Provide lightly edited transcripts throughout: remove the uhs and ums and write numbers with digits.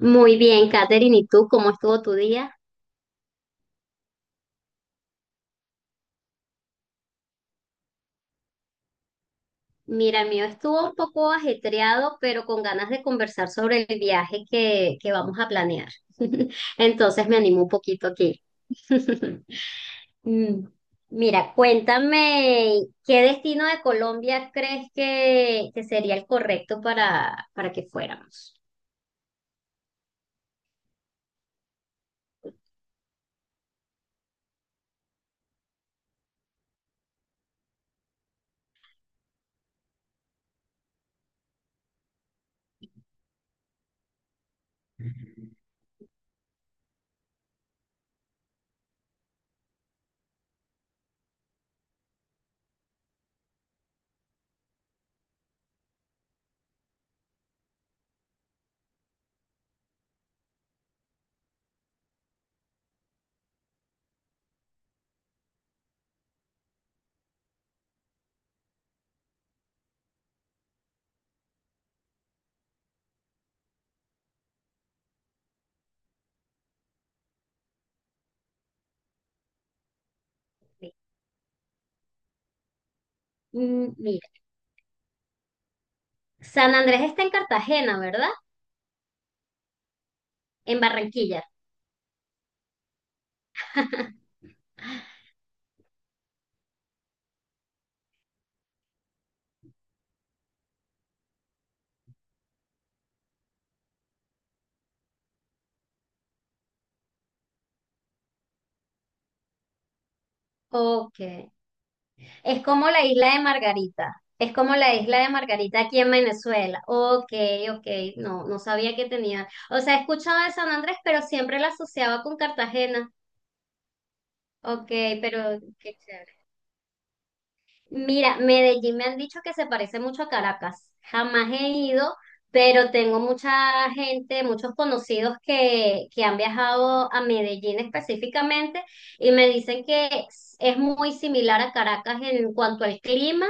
Muy bien, Katherine, ¿y tú cómo estuvo tu día? Mira, el mío estuvo un poco ajetreado, pero con ganas de conversar sobre el viaje que vamos a planear. Entonces me animo un poquito aquí. Mm, mira, cuéntame, ¿qué destino de Colombia crees que sería el correcto para que fuéramos? Mm, mira, San Andrés está en Cartagena, ¿verdad? En Barranquilla. Ok. Es como la isla de Margarita. Es como la isla de Margarita aquí en Venezuela. Ok, ok, no, no sabía que tenía. O sea, he escuchado de San Andrés, pero siempre la asociaba con Cartagena. Ok, pero qué chévere. Mira, Medellín me han dicho que se parece mucho a Caracas. Jamás he ido, pero tengo mucha gente, muchos conocidos que han viajado a Medellín específicamente y me dicen que es muy similar a Caracas en cuanto al clima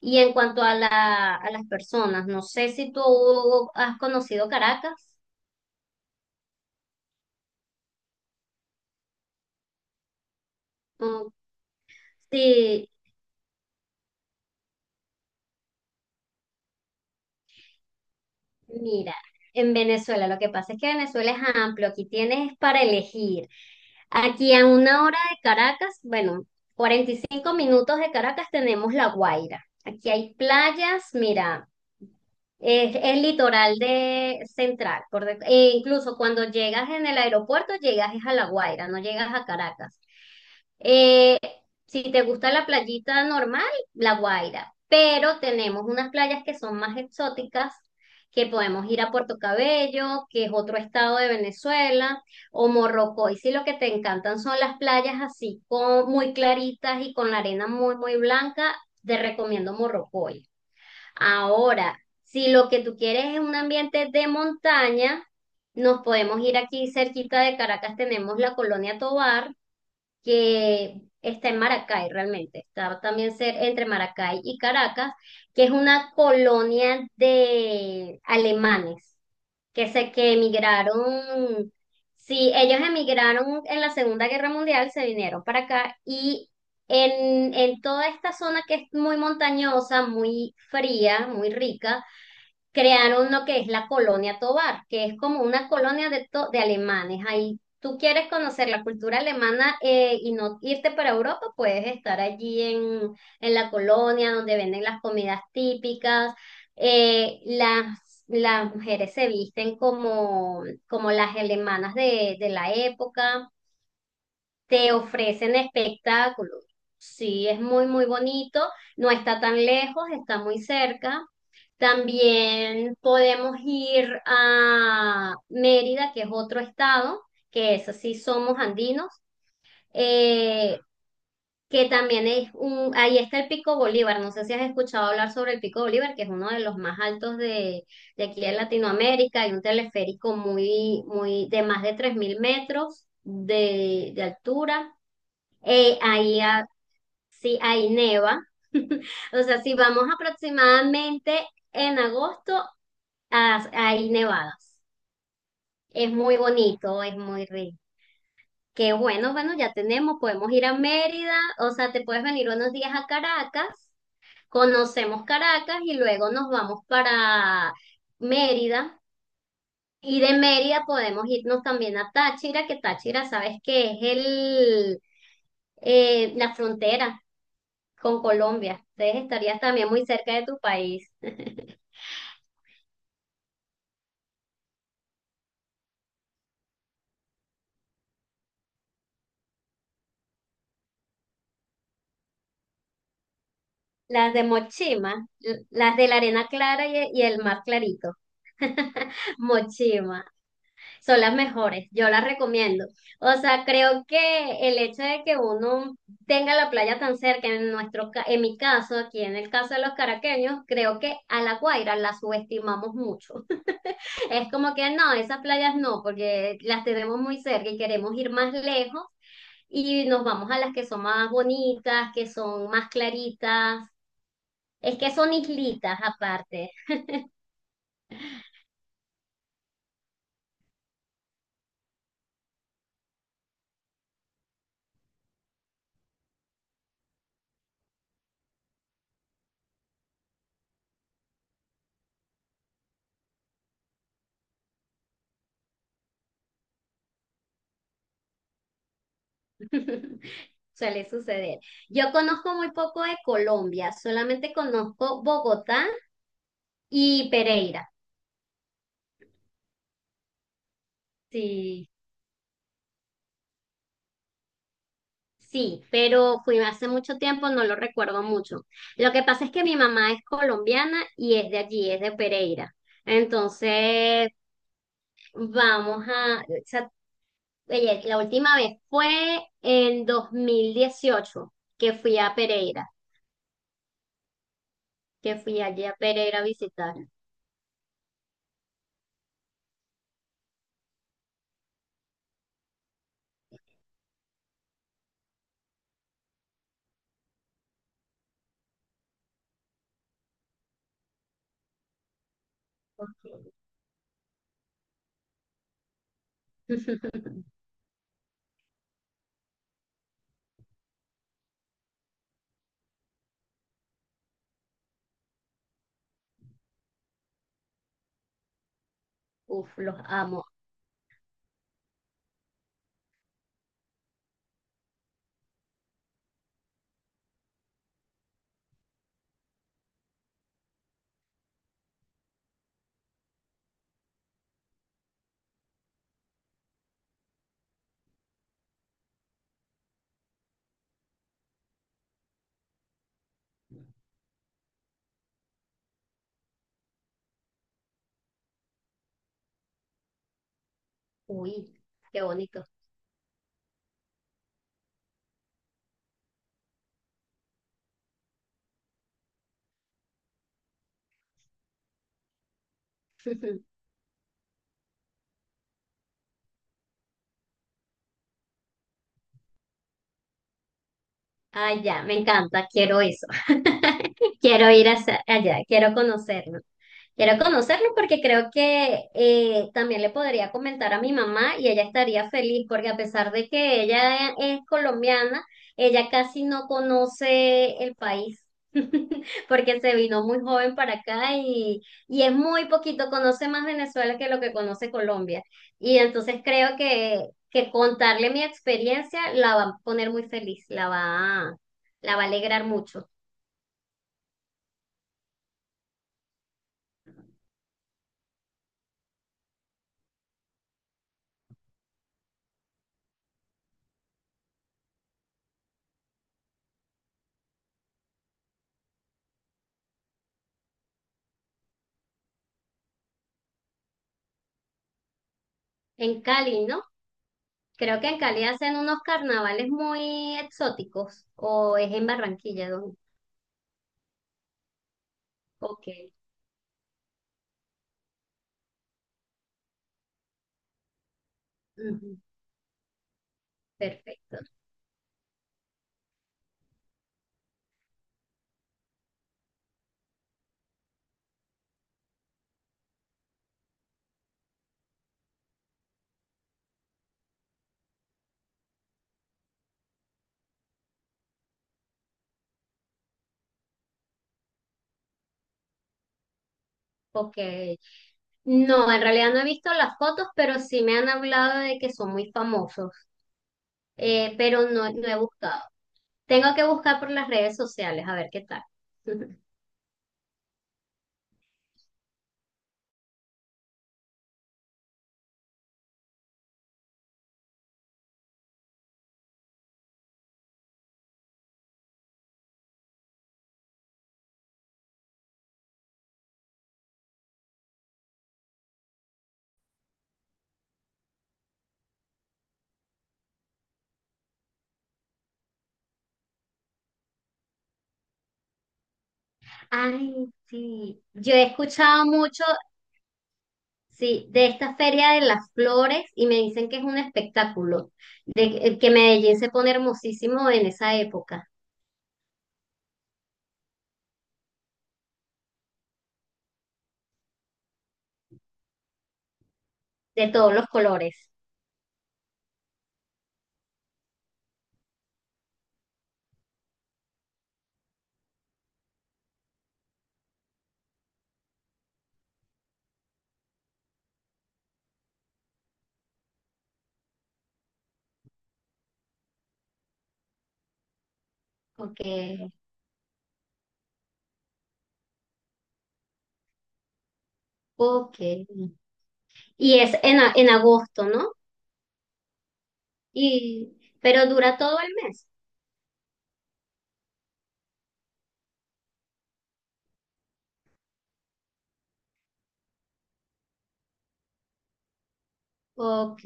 y en cuanto a las personas. No sé si tú has conocido Caracas, o si mira, en Venezuela, lo que pasa es que Venezuela es amplio, aquí tienes para elegir. Aquí a una hora de Caracas, bueno, 45 minutos de Caracas tenemos La Guaira. Aquí hay playas, mira, es el litoral de central, correcto. E incluso cuando llegas en el aeropuerto, llegas es a La Guaira, no llegas a Caracas. Eh, si te gusta la playita normal, La Guaira, pero tenemos unas playas que son más exóticas, que podemos ir a Puerto Cabello, que es otro estado de Venezuela, o Morrocoy, si lo que te encantan son las playas así, con, muy claritas y con la arena muy, muy blanca, te recomiendo Morrocoy. Ahora, si lo que tú quieres es un ambiente de montaña, nos podemos ir aquí cerquita de Caracas, tenemos la Colonia Tovar, que está en Maracay realmente, está también entre Maracay y Caracas, que es una colonia de alemanes que se que emigraron, sí, ellos emigraron en la Segunda Guerra Mundial, se vinieron para acá y en toda esta zona que es muy montañosa, muy fría, muy rica, crearon lo que es la Colonia Tovar, que es como una colonia de, de alemanes. Ahí tú quieres conocer la cultura alemana y no irte para Europa, puedes estar en la colonia donde venden las comidas típicas. Las mujeres se visten como, como las alemanas de la época te ofrecen espectáculos. Sí, es muy, muy bonito, no está tan lejos, está muy cerca. También podemos ir a Mérida, que es otro estado, que es así, somos andinos, eh, que también es un, ahí está el Pico Bolívar, no sé si has escuchado hablar sobre el Pico Bolívar, que es uno de los más altos de aquí de Latinoamérica, hay un teleférico muy, muy, de más de 3.000 metros de altura. Eh, ahí, ha- sí, ahí neva. O sea, si vamos aproximadamente en agosto, ah, hay nevadas. Es muy bonito, es muy rico. Que bueno, bueno, ya tenemos, podemos ir a Mérida, o sea, te puedes venir unos días a Caracas, conocemos Caracas y luego nos vamos para Mérida. Y de Mérida podemos irnos también a Táchira, que Táchira, sabes que es el, la frontera con Colombia. Entonces estarías también muy cerca de tu país. Las de Mochima, las de la arena clara y el mar clarito. Mochima, son las mejores, yo las recomiendo. O sea, creo que el hecho de que uno tenga la playa tan cerca, en nuestro, en mi caso, aquí en el caso de los caraqueños, creo que a La Guaira la subestimamos mucho. Es como que no, esas playas no, porque las tenemos muy cerca y queremos ir más lejos y nos vamos a las que son más bonitas, que son más claritas. Es que son islitas aparte. Suele suceder. Yo conozco muy poco de Colombia, solamente conozco Bogotá y Pereira. Sí, sí, pero fui hace mucho tiempo, no lo recuerdo mucho. Lo que pasa es que mi mamá es colombiana y es de allí, es de Pereira. Entonces, Vamos a, esa- oye, la última vez fue en 2018 que fui a Pereira, que fui allí a Pereira a visitar. Ok. Uf, los amo. Uy, qué bonito. Ay, ya, me encanta, quiero eso. Quiero ir hacia allá, quiero conocerlo. Quiero conocerlo porque creo que también le podría comentar a mi mamá y ella estaría feliz porque a pesar de que ella es colombiana, ella casi no conoce el país porque se vino muy joven para acá y es muy poquito, conoce más Venezuela que lo que conoce Colombia. Y entonces creo que contarle mi experiencia la va a poner muy feliz, la va a alegrar mucho. En Cali, ¿no? Creo que en Cali hacen unos carnavales muy exóticos, o es en Barranquilla, ¿dónde? Ok, ujú, perfecto. Ok. No, en realidad no he visto las fotos, pero sí me han hablado de que son muy famosos, pero no, no he buscado. Tengo que buscar por las redes sociales, a ver qué tal. Ay, sí. Yo he escuchado mucho, sí, de esta Feria de las Flores y me dicen que es un espectáculo, de que Medellín se pone hermosísimo en esa época. De todos los colores. Ok, ok. Y es en, en agosto, ¿no? Y, pero dura todo el mes. Ok,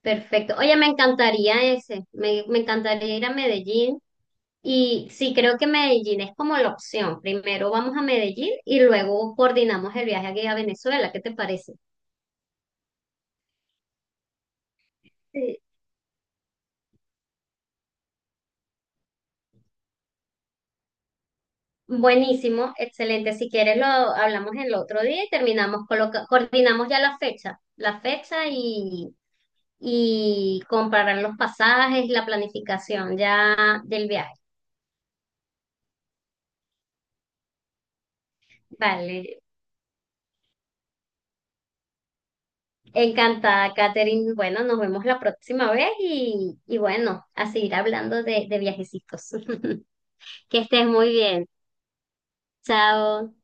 perfecto. Oye, me encantaría ese, me encantaría ir a Medellín. Y sí, creo que Medellín es como la opción. Primero vamos a Medellín y luego coordinamos el viaje aquí a Venezuela. ¿Qué te parece? Sí. Buenísimo, excelente. Si quieres lo hablamos el otro día y terminamos, coordinamos ya la fecha y comparar los pasajes la planificación ya del viaje. Vale, encantada, Katherine. Bueno, nos vemos la próxima vez y bueno, a seguir hablando de viajecitos. Que estés muy bien. Chao.